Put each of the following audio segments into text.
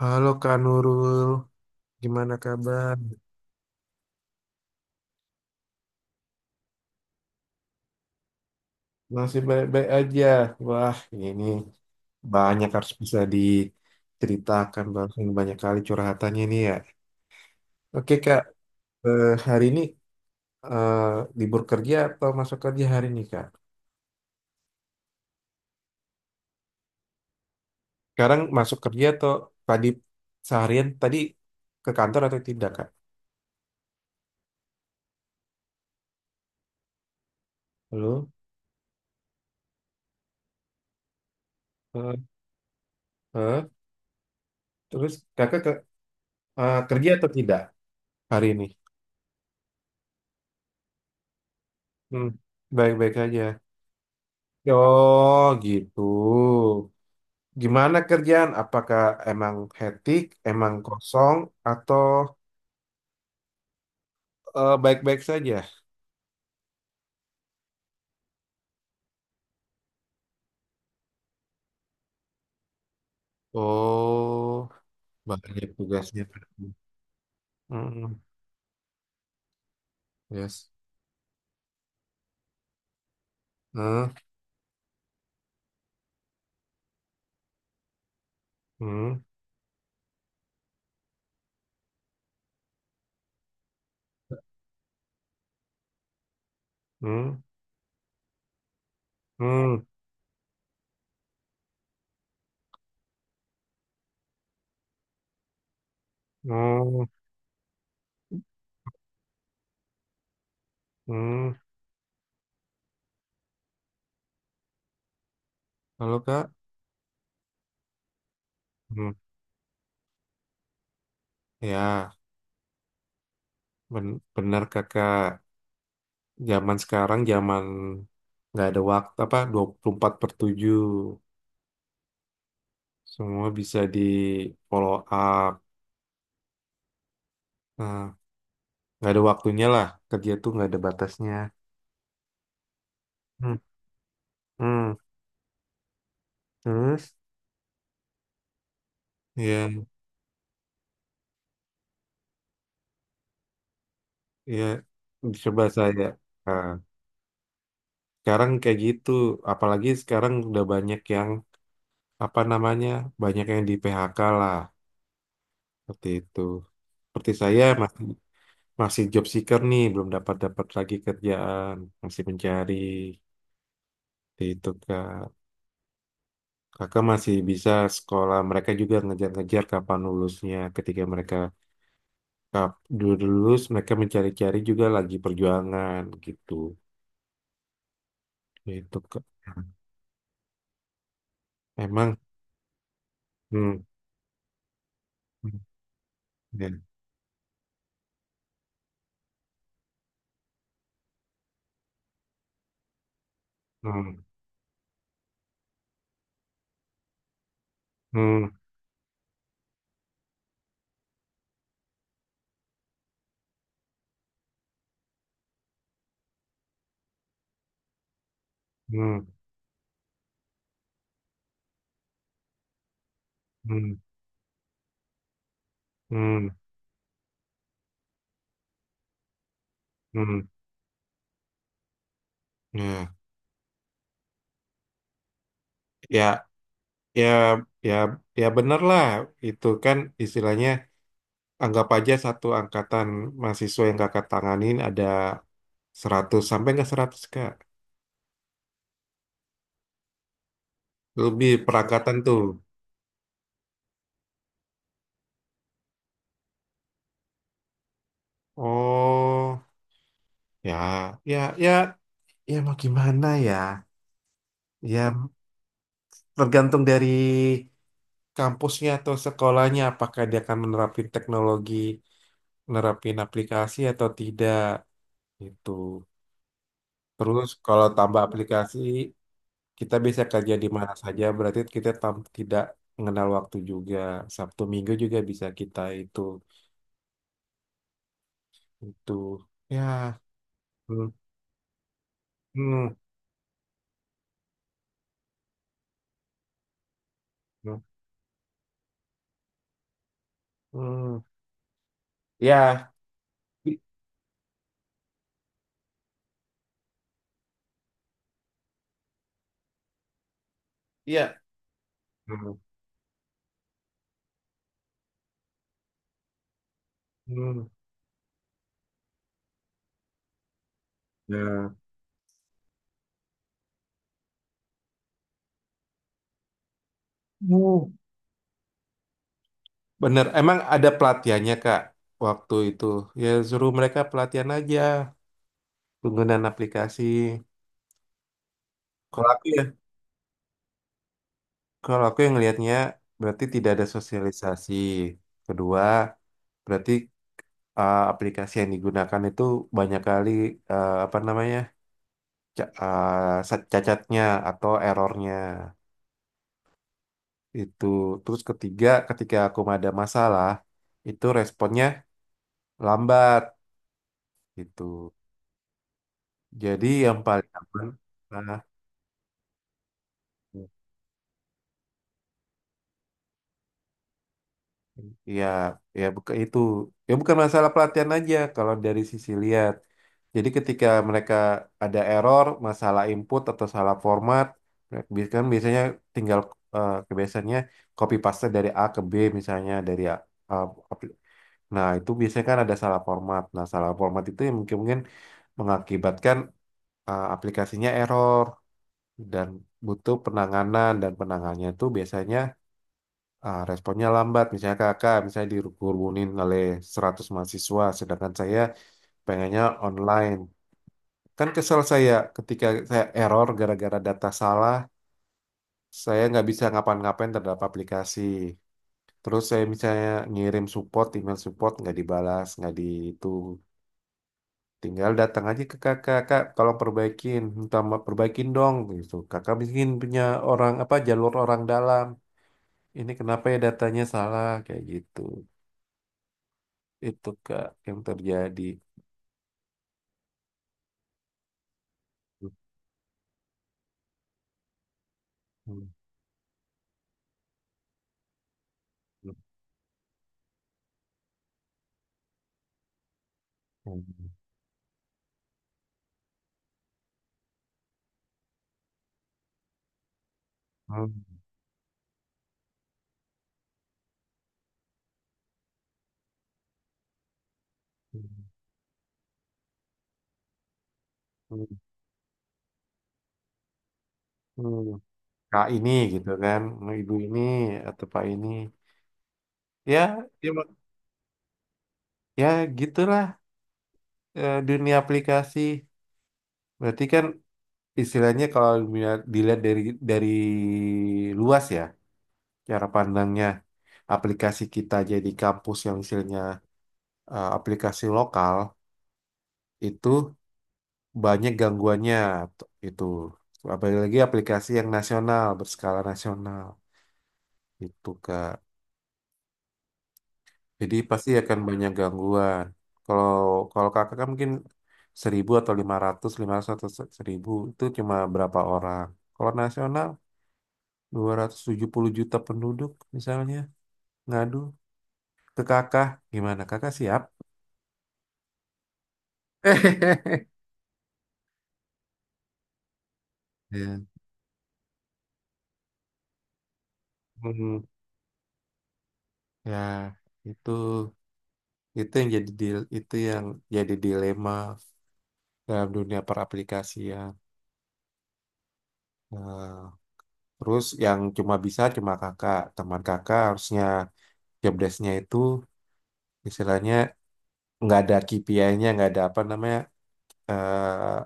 Halo Kak Nurul, gimana kabar? Masih baik-baik aja. Wah, ini banyak harus bisa diceritakan, bahkan banyak kali curhatannya ini ya. Oke, Kak. Hari ini eh, libur kerja atau masuk kerja hari ini, Kak? Sekarang masuk kerja atau tadi seharian tadi ke kantor atau tidak, Kak? Halo? Eh, eh, Terus Kakak ke, kerja atau tidak hari ini? Hmm, baik-baik aja. Oh, gitu. Gimana kerjaan? Apakah emang hektik, emang kosong, atau baik-baik saja? Oh, banyak tugasnya. Hmm, yes. Hmm, hmm, hmm, hmm, hmm, hmm. Halo, Kak. Hmm, ya, benar Kakak. Zaman sekarang zaman nggak ada waktu apa 24/7, semua bisa di follow up. Nah, nggak ada waktunya lah. Kerja tuh nggak ada batasnya. Hmm, hmm. Terus ya, ya coba saya. Nah, sekarang kayak gitu, apalagi sekarang udah banyak yang apa namanya, banyak yang di PHK lah seperti itu. Seperti saya masih masih job seeker nih, belum dapat dapat lagi kerjaan, masih mencari seperti itu kak. Kakak masih bisa sekolah, mereka juga ngejar-ngejar kapan lulusnya. Ketika mereka dulu lulus, mereka mencari-cari juga lagi perjuangan gitu. Itu kak. Emang, hmm, hmm, ya, hmm, hmm, hmm, hmm, hmm, hmm, ya, ya, ya, ya, ya bener lah. Itu kan istilahnya anggap aja satu angkatan mahasiswa yang kakak tanganin ada 100 sampai nggak 100 kak. Lebih perangkatan tuh. Oh, ya, ya, ya, ya mau gimana ya? Ya tergantung dari kampusnya atau sekolahnya apakah dia akan menerapin teknologi nerapin aplikasi atau tidak gitu. Terus kalau tambah aplikasi kita bisa kerja di mana saja berarti kita tidak mengenal waktu juga. Sabtu Minggu juga bisa kita itu ya, hmm, hmm, hmm, hmm, ya i- iya, hmm, hmm, ya. Uh, bener emang ada pelatihannya Kak waktu itu, ya suruh mereka pelatihan aja penggunaan aplikasi. Kalau aku ya, kalau aku yang ngelihatnya berarti tidak ada sosialisasi. Kedua, berarti aplikasi yang digunakan itu banyak kali apa namanya cacatnya atau errornya itu. Terus ketiga, ketika aku ada masalah itu responnya lambat gitu. Jadi yang paling aman, nah, ya, ya bukan itu. Ya bukan masalah pelatihan aja kalau dari sisi lihat. Jadi ketika mereka ada error, masalah input atau salah format, kan biasanya tinggal kebiasaannya copy paste dari A ke B, misalnya dari A- apli- Nah, itu biasanya kan ada salah format. Nah, salah format itu yang mungkin-mungkin mengakibatkan aplikasinya error dan butuh penanganan, dan penanganannya itu biasanya responnya lambat. Misalnya kakak, misalnya dikerumunin oleh 100 mahasiswa, sedangkan saya pengennya online. Kan kesel saya ketika saya error gara-gara data salah, saya nggak bisa ngapain-ngapain terhadap aplikasi. Terus saya misalnya ngirim support, email support nggak dibalas, nggak di itu. Tinggal datang aja ke kakak, kak, tolong perbaikin, minta perbaikin dong gitu. Kakak mungkin punya orang apa jalur orang dalam. Ini kenapa ya datanya salah kayak gitu. Itu Kak yang terjadi. Kak ini gitu kan, ibu ini atau Pak ini. Ya, ya, ya gitulah dunia aplikasi. Berarti kan istilahnya kalau dilihat dilihat dari dari luas ya cara pandangnya, aplikasi kita jadi kampus yang istilahnya aplikasi lokal itu banyak gangguannya itu, apalagi aplikasi yang nasional berskala nasional itu kak, jadi pasti akan banyak gangguan kalau kalau kakak kan mungkin 1.000 atau 500 atau 1.000 itu cuma berapa orang, kalau nasional 270.000.000 penduduk misalnya ngadu ke kakak gimana kakak siap. Ya. Hmm, ya itu, itu yang jadi dilema dalam dunia peraplikasian. Nah, terus yang cuma bisa cuma kakak, teman kakak harusnya job desk-nya itu istilahnya nggak ada KPI-nya, nggak ada apa namanya eh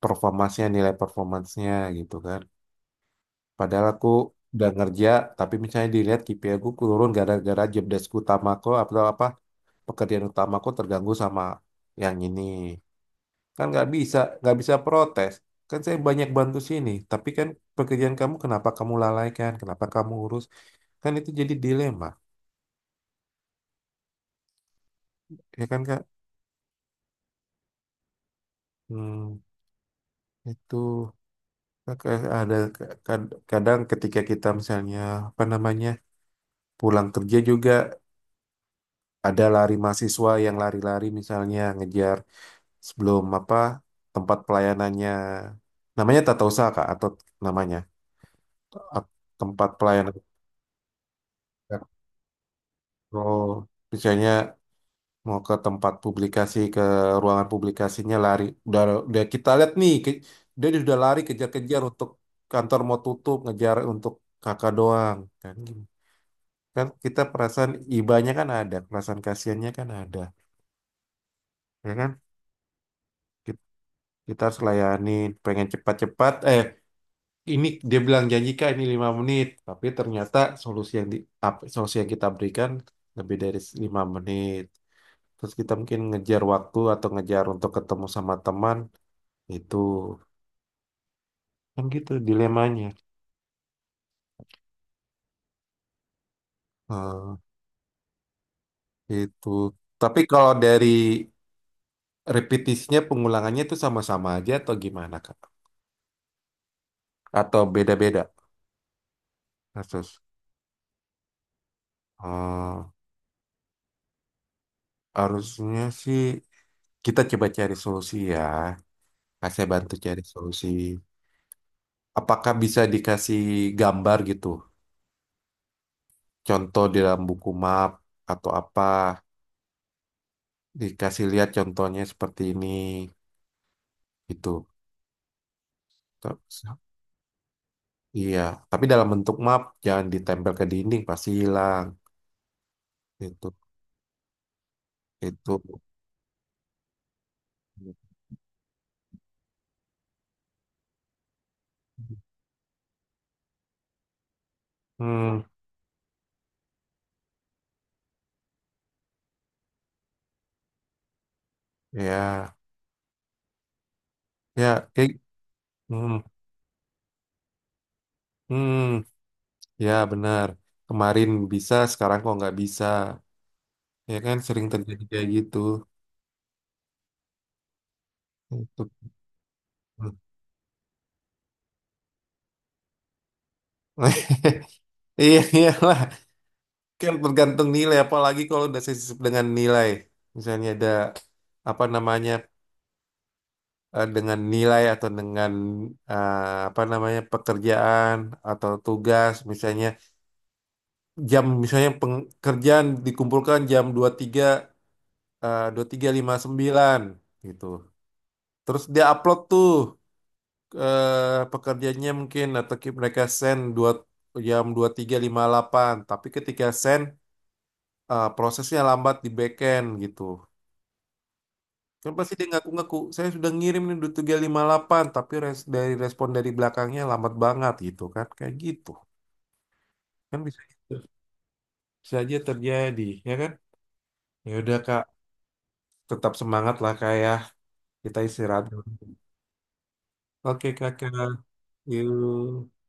performansnya, nilai performansnya gitu kan. Padahal aku udah ngerja, tapi misalnya dilihat KPI aku turun gara-gara job desk utamaku atau apa pekerjaan utamaku terganggu sama yang ini. Kan nggak bisa protes. Kan saya banyak bantu sini, tapi kan pekerjaan kamu kenapa kamu lalaikan, kenapa kamu urus? Kan itu jadi dilema, ya kan Kak? Hmm, itu Kak, ada kadang ketika kita misalnya apa namanya pulang kerja juga ada lari mahasiswa yang lari-lari misalnya ngejar sebelum apa tempat pelayanannya, namanya tata usaha Kak atau namanya Ap- tempat pelayanan. Oh, misalnya mau ke tempat publikasi ke ruangan publikasinya lari, udah kita lihat nih dia sudah lari kejar-kejar untuk kantor mau tutup, ngejar untuk kakak doang kan gini. Kan kita perasaan ibanya kan ada, perasaan kasihannya kan ada, ya kan. Ki- Kita harus layani, pengen cepat-cepat ini dia bilang janji Kak, ini 5 menit tapi ternyata solusi yang di solusi yang kita berikan lebih dari 5 menit, terus kita mungkin ngejar waktu atau ngejar untuk ketemu sama teman. Itu kan gitu dilemanya. Eh, itu. Tapi kalau dari repetisinya pengulangannya itu sama-sama aja atau gimana Kak? Atau beda-beda kasus? Eh, harusnya sih kita coba cari solusi ya. Kak, saya bantu cari solusi. Apakah bisa dikasih gambar gitu? Contoh di dalam buku map atau apa? Dikasih lihat contohnya seperti ini gitu. Terus iya, tapi dalam bentuk map jangan ditempel ke dinding pasti hilang. Itu itu. Hmm, ya, ya, eh, hmm, hmm, ya benar. Kemarin bisa, sekarang kok nggak bisa. Ya kan sering terjadi kayak gitu. Itu. Iya, iyalah. Kan tergantung nilai, apalagi kalau udah sensitif dengan nilai. Misalnya ada apa namanya dengan nilai atau dengan eh, apa namanya pekerjaan atau tugas, misalnya jam misalnya pekerjaan dikumpulkan jam 23.00 23.59 gitu. Terus dia upload tuh pekerjaannya mungkin atau mereka send dua jam 23.58, tapi ketika send prosesnya lambat di backend gitu. Kan pasti dia ngaku-ngaku, saya sudah ngirim nih 23.58, tapi dari respon dari belakangnya lambat banget gitu kan. Kayak gitu. Kan bisa bisa aja terjadi, ya kan? Ya udah Kak, tetap semangat lah Kak ya. Kita istirahat dulu. Oke Kakak, yuk.